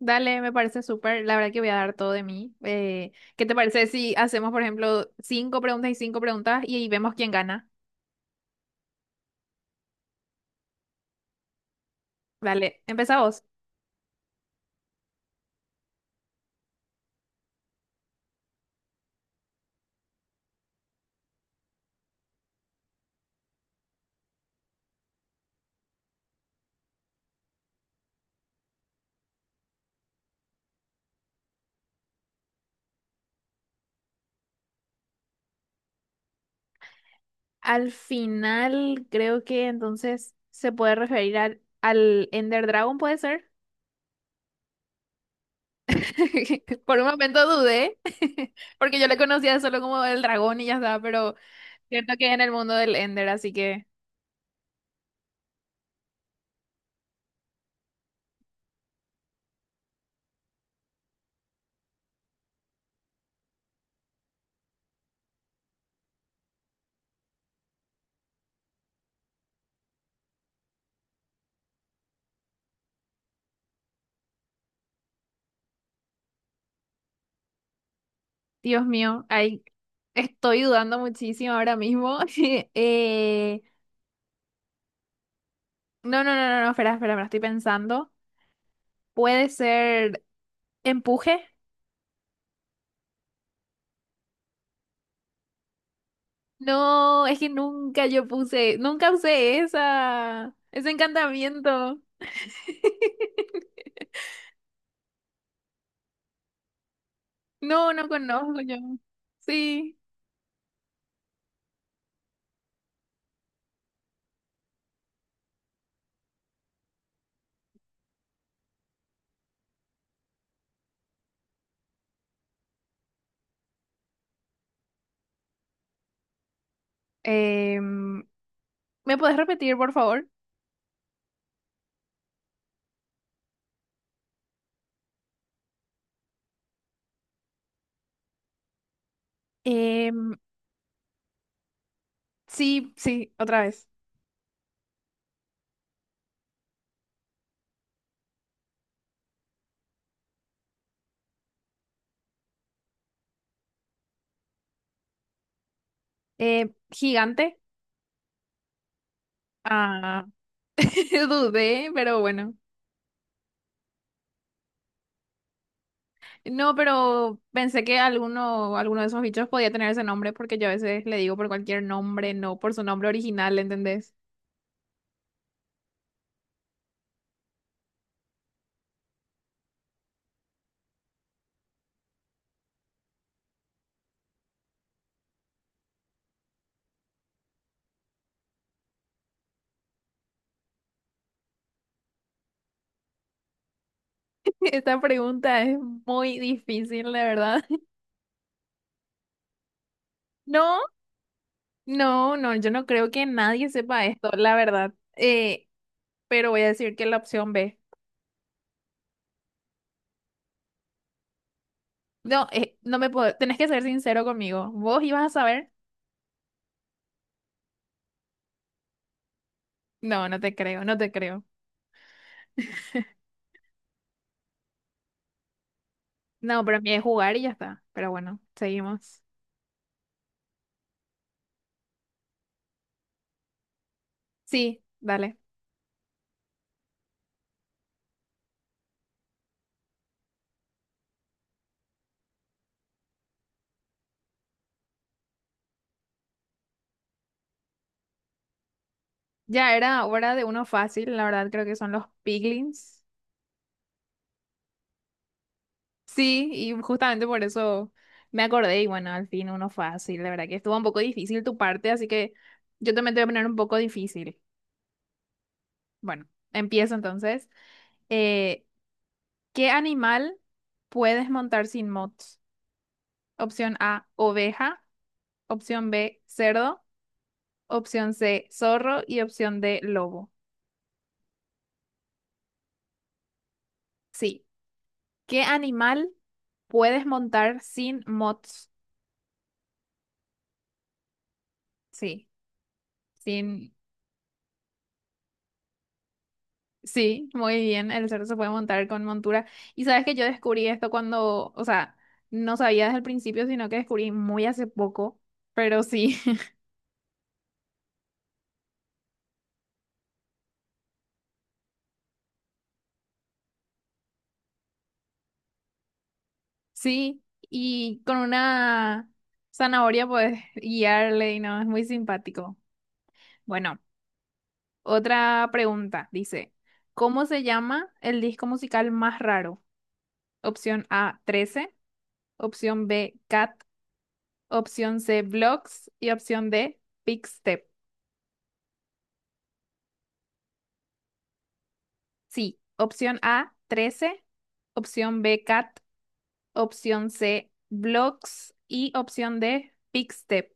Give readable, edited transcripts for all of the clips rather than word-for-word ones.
Dale, me parece súper. La verdad que voy a dar todo de mí. ¿Qué te parece si hacemos, por ejemplo, cinco preguntas y ahí vemos quién gana? Dale, empezá vos. Al final, creo que entonces se puede referir al Ender Dragon, ¿puede ser? Por un momento dudé, porque yo le conocía solo como el dragón y ya está, pero cierto que es en el mundo del Ender, así que, Dios mío, ahí estoy dudando muchísimo ahora mismo. Eh, No, no, no, no, no, espera, espera, me lo estoy pensando. ¿Puede ser empuje? No, es que nunca yo puse, nunca usé esa, ese encantamiento. No, no conozco yo. Sí. Em, ¿Me puedes repetir, por favor? Em, sí, sí, otra vez. Gigante. Ah, dudé, pero bueno. No, pero pensé que alguno, alguno de esos bichos podía tener ese nombre porque yo a veces le digo por cualquier nombre, no por su nombre original, ¿entendés? Esta pregunta es muy difícil, la verdad. No, no, no, yo no creo que nadie sepa esto, la verdad. Pero voy a decir que la opción B. No, no me puedo, tenés que ser sincero conmigo. ¿Vos ibas a saber? No, no te creo, no te creo. No, pero a mí es jugar y ya está. Pero bueno, seguimos. Sí, dale. Ya era hora de uno fácil, la verdad creo que son los piglins. Sí, y justamente por eso me acordé y bueno, al fin uno fácil, la verdad que estuvo un poco difícil tu parte, así que yo también te voy a poner un poco difícil. Bueno, empiezo entonces. Eh, ¿Qué animal puedes montar sin mods? Opción A, oveja, opción B, cerdo, opción C, zorro y opción D, lobo. Sí, ¿qué animal puedes montar sin mods? Sí. Sí, sí, muy bien. El cerdo se puede montar con montura. Y sabes que yo descubrí esto cuando, o sea, no sabía desde el principio, sino que descubrí muy hace poco. Pero sí, sí. Y con una zanahoria puedes guiarle y no, es muy simpático. Bueno, otra pregunta. Dice, ¿cómo se llama el disco musical más raro? Opción A, 13. Opción B, Cat. Opción C, Vlogs. Y opción D, Step. Sí, opción A, 13, opción B, cat, opción C, blocks y opción D, step.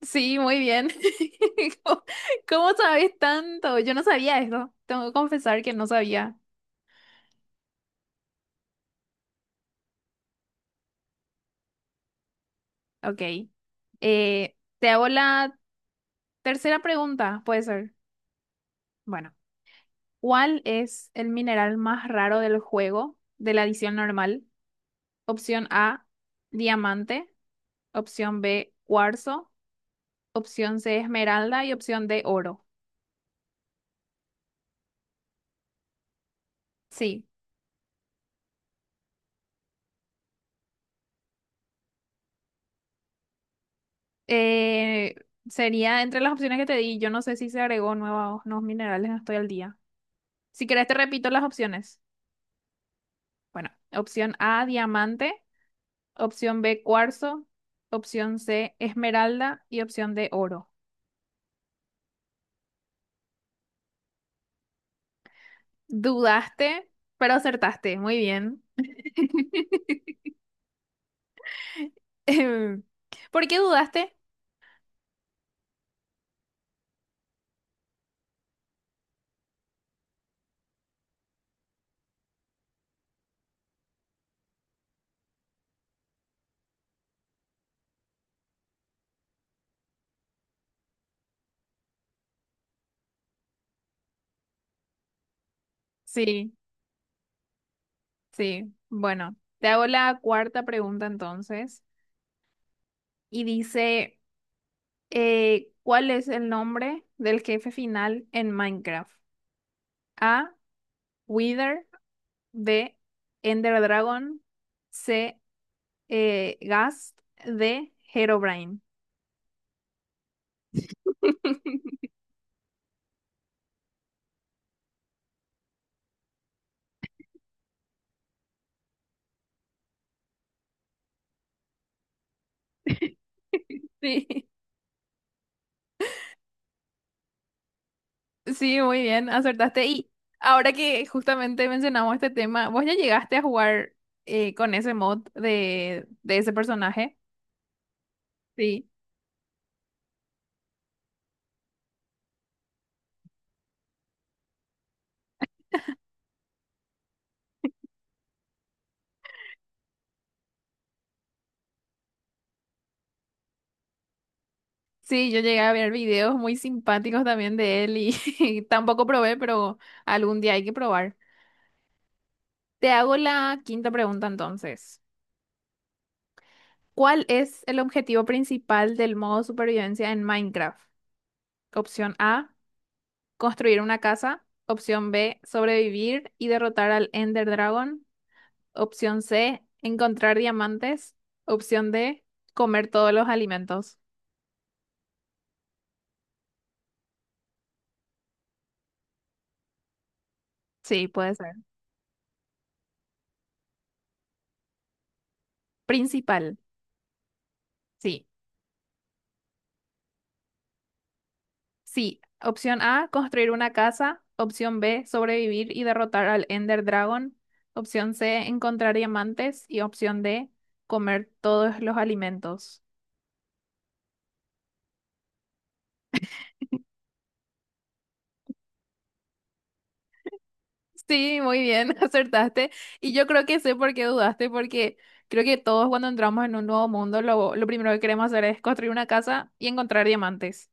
Sí, muy bien. ¿Cómo, cómo sabes tanto? Yo no sabía eso. Tengo que confesar que no sabía. Ok. Te hago la tercera pregunta, puede ser. Bueno, ¿cuál es el mineral más raro del juego de la edición normal? Opción A, diamante. Opción B, cuarzo. Opción C, esmeralda y opción D, oro. Sí. Eh, Sería entre las opciones que te di. Yo no sé si se agregó nuevos, nuevos minerales, no estoy al día. Si querés, te repito las opciones. Bueno, opción A, diamante. Opción B, cuarzo. Opción C, esmeralda. Y opción D, oro. Dudaste, pero acertaste. Muy bien. Em, ¿Por qué dudaste? Sí, sí. Bueno, te hago la cuarta pregunta entonces. Y dice. ¿Cuál es el nombre del jefe final en Minecraft? A. Wither. B. Ender Dragon. C. Ghast. D. Herobrine. Sí, sí, muy bien, acertaste. Y ahora que justamente mencionamos este tema, ¿vos ya llegaste a jugar con ese mod de ese personaje? Sí. Sí, yo llegué a ver videos muy simpáticos también de él y tampoco probé, pero algún día hay que probar. Te hago la quinta pregunta entonces. ¿Cuál es el objetivo principal del modo supervivencia en Minecraft? Opción A, construir una casa. Opción B, sobrevivir y derrotar al Ender Dragon. Opción C, encontrar diamantes. Opción D, comer todos los alimentos. Sí, puede ser. Principal, sí. Sí, opción A, construir una casa. Opción B, sobrevivir y derrotar al Ender Dragon. Opción C, encontrar diamantes. Y opción D, comer todos los alimentos. Sí, muy bien, acertaste. Y yo creo que sé por qué dudaste, porque creo que todos cuando entramos en un nuevo mundo, lo primero que queremos hacer es construir una casa y encontrar diamantes.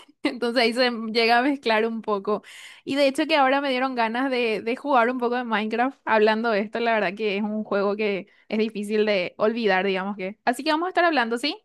Entonces ahí se llega a mezclar un poco. Y de hecho que ahora me dieron ganas de jugar un poco de Minecraft hablando de esto. La verdad que es un juego que es difícil de olvidar, digamos que. Así que vamos a estar hablando, ¿sí?